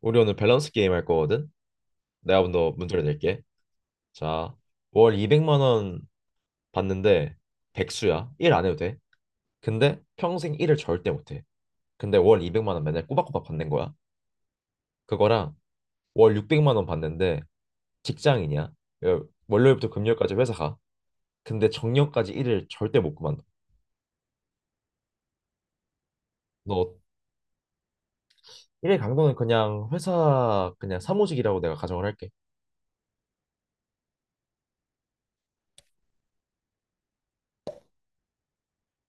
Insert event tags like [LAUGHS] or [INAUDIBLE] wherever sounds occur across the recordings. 우리 오늘 밸런스 게임 할 거거든? 내가 먼저 문제를 낼게. 자, 월 200만 원 받는데 백수야. 일 안 해도 돼. 근데 평생 일을 절대 못 해. 근데 월 200만 원 맨날 꼬박꼬박 받는 거야. 그거랑 월 600만 원 받는데 직장인이야. 월요일부터 금요일까지 회사 가. 근데 정년까지 일을 절대 못 그만둬. 너 일의 강도는 그냥 회사 그냥 사무직이라고 내가 가정을 할게.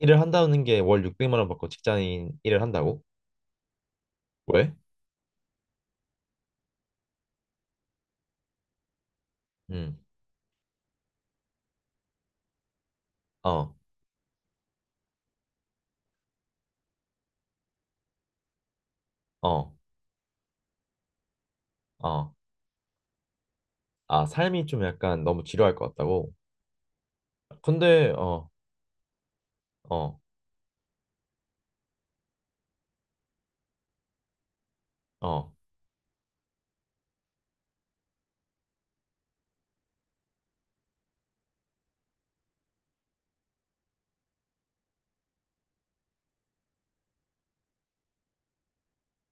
일을 한다는 게 월 600만 원 받고 직장인 일을 한다고? 왜? 응. 어. 어. 어, 아, 삶이 좀 약간 너무 지루할 것 같다고? 근데, 어, 어, 어.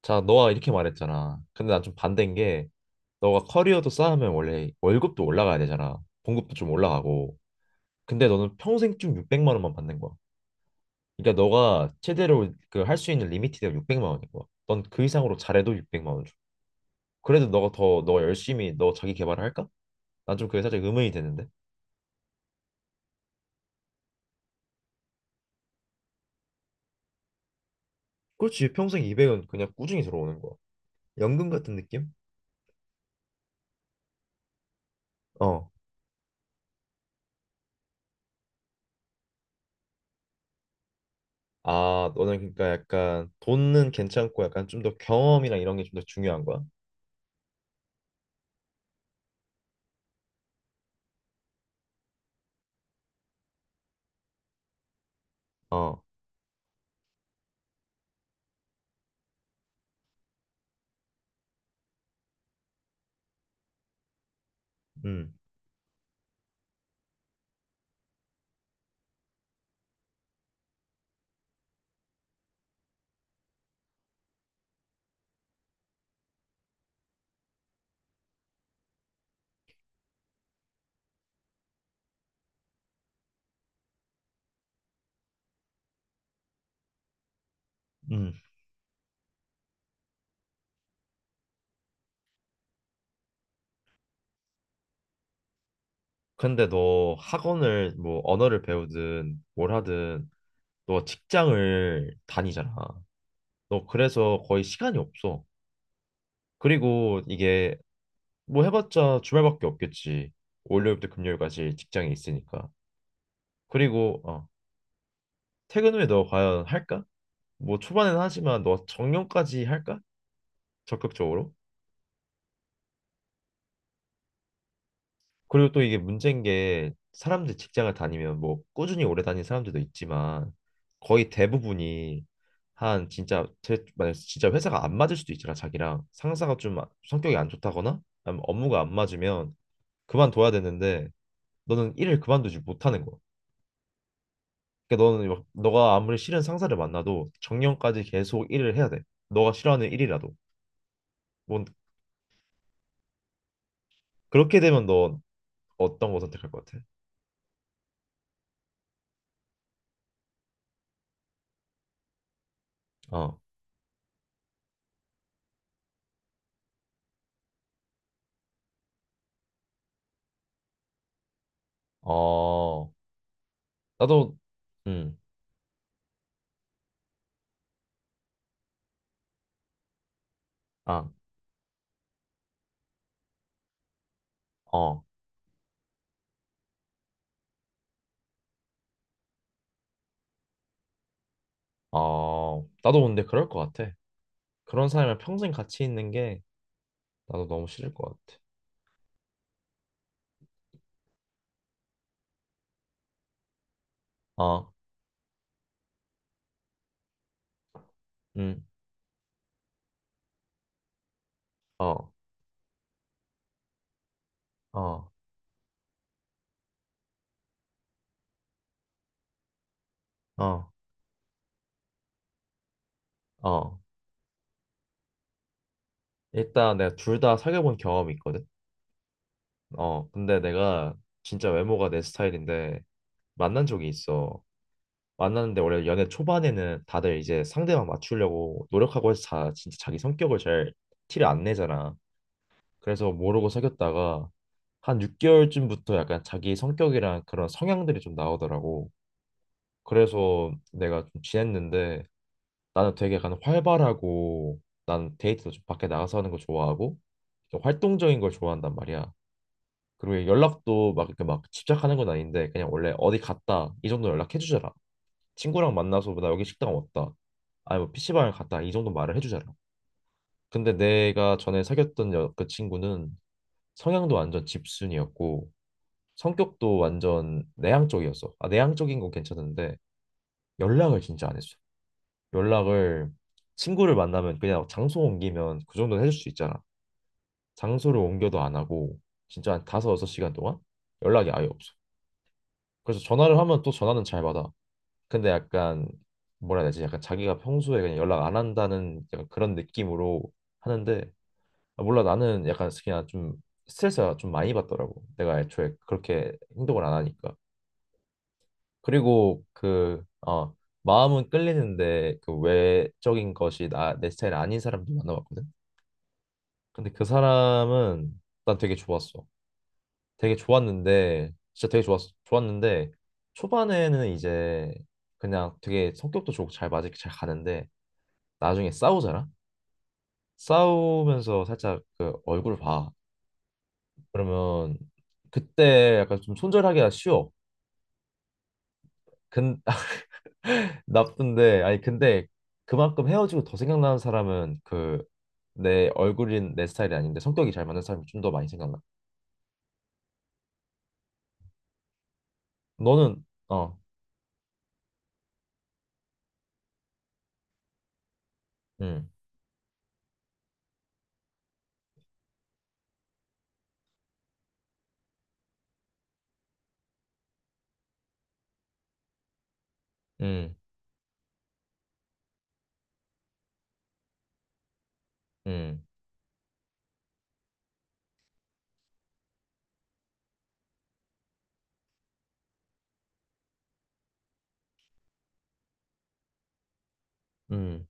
자, 너가 이렇게 말했잖아. 근데 난 좀 반대인 게, 너가 커리어도 쌓으면 원래 월급도 올라가야 되잖아. 봉급도 좀 올라가고. 근데 너는 평생 쭉 600만 원만 받는 거야. 그러니까 너가 최대로 그 할 수 있는 리미티드가 600만 원인 거야. 넌 그 이상으로 잘해도 600만 원 줘. 그래도 너가 더, 너 열심히 너 자기 개발을 할까? 난 좀 그게 살짝 의문이 되는데. 그렇지, 평생 200은 그냥 꾸준히 들어오는 거야. 연금 같은 느낌? 어. 아, 너는 그러니까 약간 돈은 괜찮고 약간 좀 더 경험이랑 이런 게 좀 더 중요한 거야? 어, 음, 음. 근데 너 학원을 뭐 언어를 배우든 뭘 하든 너 직장을 다니잖아. 너 그래서 거의 시간이 없어. 그리고 이게 뭐 해봤자 주말밖에 없겠지. 월요일부터 금요일까지 직장이 있으니까. 그리고 퇴근 후에 너 과연 할까? 뭐 초반에는 하지만 너 정년까지 할까? 적극적으로? 그리고 또 이게 문제인 게 사람들 직장을 다니면 뭐 꾸준히 오래 다닌 사람들도 있지만 거의 대부분이 한 진짜 제 만약 진짜 회사가 안 맞을 수도 있잖아. 자기랑 상사가 좀 아, 성격이 안 좋다거나 아니면 업무가 안 맞으면 그만둬야 되는데 너는 일을 그만두지 못하는 거야. 그러니까 너는 너가 아무리 싫은 상사를 만나도 정년까지 계속 일을 해야 돼. 너가 싫어하는 일이라도. 뭔 그렇게 되면 너 어떤 거 선택할 것 같아? 어. 어. 나도 음. 아. 어, 어, 나도 근데 그럴 것 같아. 그런 사람이랑 평생 같이 있는 게 나도 너무 싫을 것 같아. 어, 음, 어, 어, 어, 어. 일단 내가 둘 다 사귀어본 경험이 있거든. 근데 내가 진짜 외모가 내 스타일인데 만난 적이 있어. 만났는데 원래 연애 초반에는 다들 이제 상대방 맞추려고 노력하고 해서 자, 진짜 자기 성격을 잘 티를 안 내잖아. 그래서 모르고 사귀었다가 한 6개월쯤부터 약간 자기 성격이랑 그런 성향들이 좀 나오더라고. 그래서 내가 좀 지냈는데 나는 되게 약간 활발하고 난 데이트도 좀 밖에 나가서 하는 거 좋아하고 좀 활동적인 걸 좋아한단 말이야. 그리고 연락도 막 이렇게 막 집착하는 건 아닌데 그냥 원래 어디 갔다 이 정도 연락해 주잖아. 친구랑 만나서 나 여기 식당 왔다. 아니 뭐 PC방을 갔다 이 정도 말을 해 주잖아. 근데 내가 전에 사귀었던 그 친구는 성향도 완전 집순이었고 성격도 완전 내향적이었어. 아, 내향적인 건 괜찮은데 연락을 진짜 안 했어. 연락을 친구를 만나면 그냥 장소 옮기면 그 정도는 해줄 수 있잖아. 장소를 옮겨도 안 하고 진짜 한 다섯 여섯 시간 동안 연락이 아예 없어. 그래서 전화를 하면 또 전화는 잘 받아. 근데 약간 뭐라 해야 되지? 약간 자기가 평소에 그냥 연락 안 한다는 약간 그런 느낌으로 하는데 아, 몰라. 나는 약간 그냥 좀 스트레스가 좀 많이 받더라고. 내가 애초에 그렇게 행동을 안 하니까. 그리고 그 마음은 끌리는데 그 외적인 것이 나 내 스타일 아닌 사람도 만나봤거든. 근데 그 사람은 난 되게 좋았어. 되게 좋았는데 진짜 되게 좋았는데 초반에는 이제 그냥 되게 성격도 좋고 잘 맞을 게잘 가는데 나중에 싸우잖아. 싸우면서 살짝 그 얼굴 봐. 그러면 그때 약간 좀 손절하기가 쉬워. 근 [LAUGHS] 나쁜데 아니 근데 그만큼 헤어지고 더 생각나는 사람은 그 내 얼굴인 내 스타일이 아닌데 성격이 잘 맞는 사람이 좀 더 많이 생각나. 너는 어, 음, 음, 음. 음,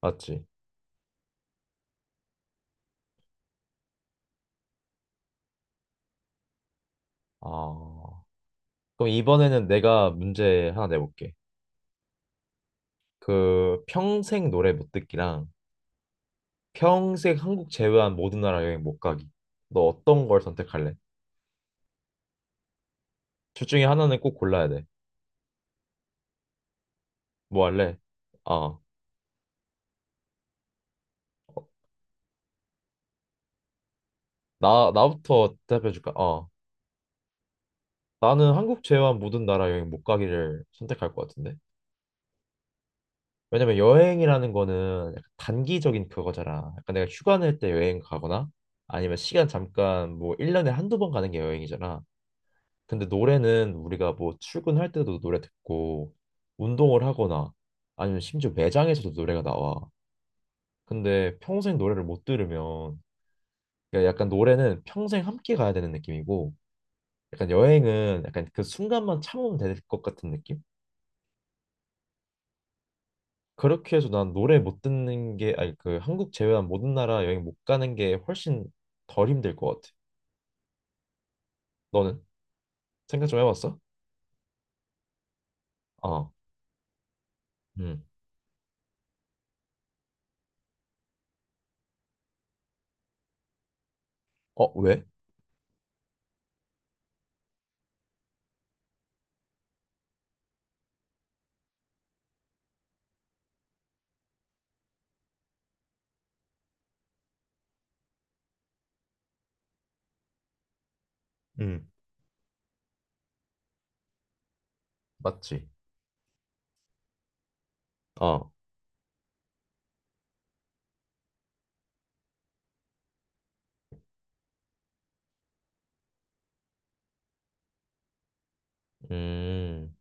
맞지. 아, 그럼 이번에는 내가 문제 하나 내볼게. 그 평생 노래 못 듣기랑 평생 한국 제외한 모든 나라 여행 못 가기. 너 어떤 걸 선택할래? 둘 중에 하나는 꼭 골라야 돼. 뭐 할래? 어, 나 나부터 대답해 줄까? 어, 나는 한국 제외한 모든 나라 여행 못 가기를 선택할 것 같은데. 왜냐면 여행이라는 거는 약간 단기적인 그거잖아. 약간 내가 휴가 낼 때 여행 가거나 아니면 시간 잠깐 뭐 1년에 한두 번 가는 게 여행이잖아. 근데 노래는 우리가 뭐 출근할 때도 노래 듣고 운동을 하거나 아니면 심지어 매장에서도 노래가 나와. 근데 평생 노래를 못 들으면 그러니까 약간 노래는 평생 함께 가야 되는 느낌이고 약간 여행은 약간 그 순간만 참으면 될 것 같은 느낌? 그렇게 해서 난 노래 못 듣는 게 아니 그 한국 제외한 모든 나라 여행 못 가는 게 훨씬 덜 힘들 것 같아. 너는 생각 좀 해봤어? 어, 음, 어 왜? 음, 맞지. 어, 음,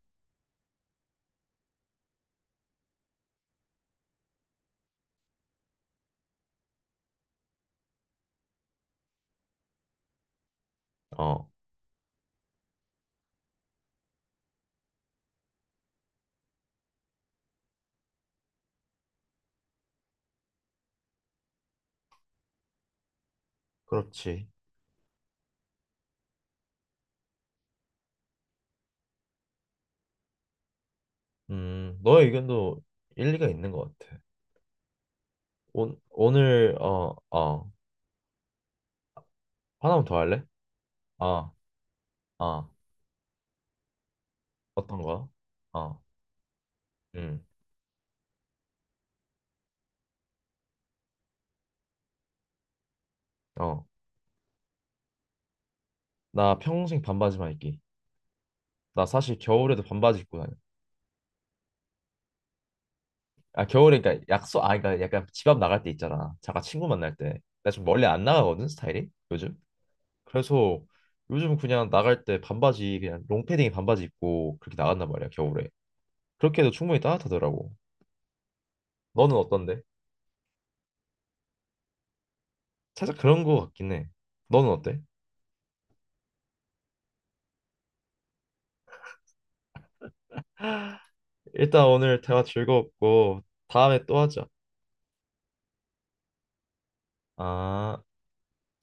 어. 그렇지. 너의 의견도 일리가 있는 것 같아. 오, 오늘 하나만 더 할래? 아, 아, 어떤 거야? 어 음, 어, 나 평생 반바지만 입기. 나 사실 겨울에도 반바지 입고 다녀. 아, 겨울에 그러니까 그러니까 약간 집 앞 나갈 때 있잖아. 잠깐 친구 만날 때. 나 좀 멀리 안 나가거든 스타일이 요즘. 그래서 요즘 그냥 나갈 때 반바지 그냥 롱패딩에 반바지 입고 그렇게 나간단 말이야 겨울에. 그렇게 해도 충분히 따뜻하더라고. 너는 어떤데? 살짝 그런 거 같긴 해. 너는 어때? 일단 오늘 대화 즐거웠고 다음에 또 하자. 아.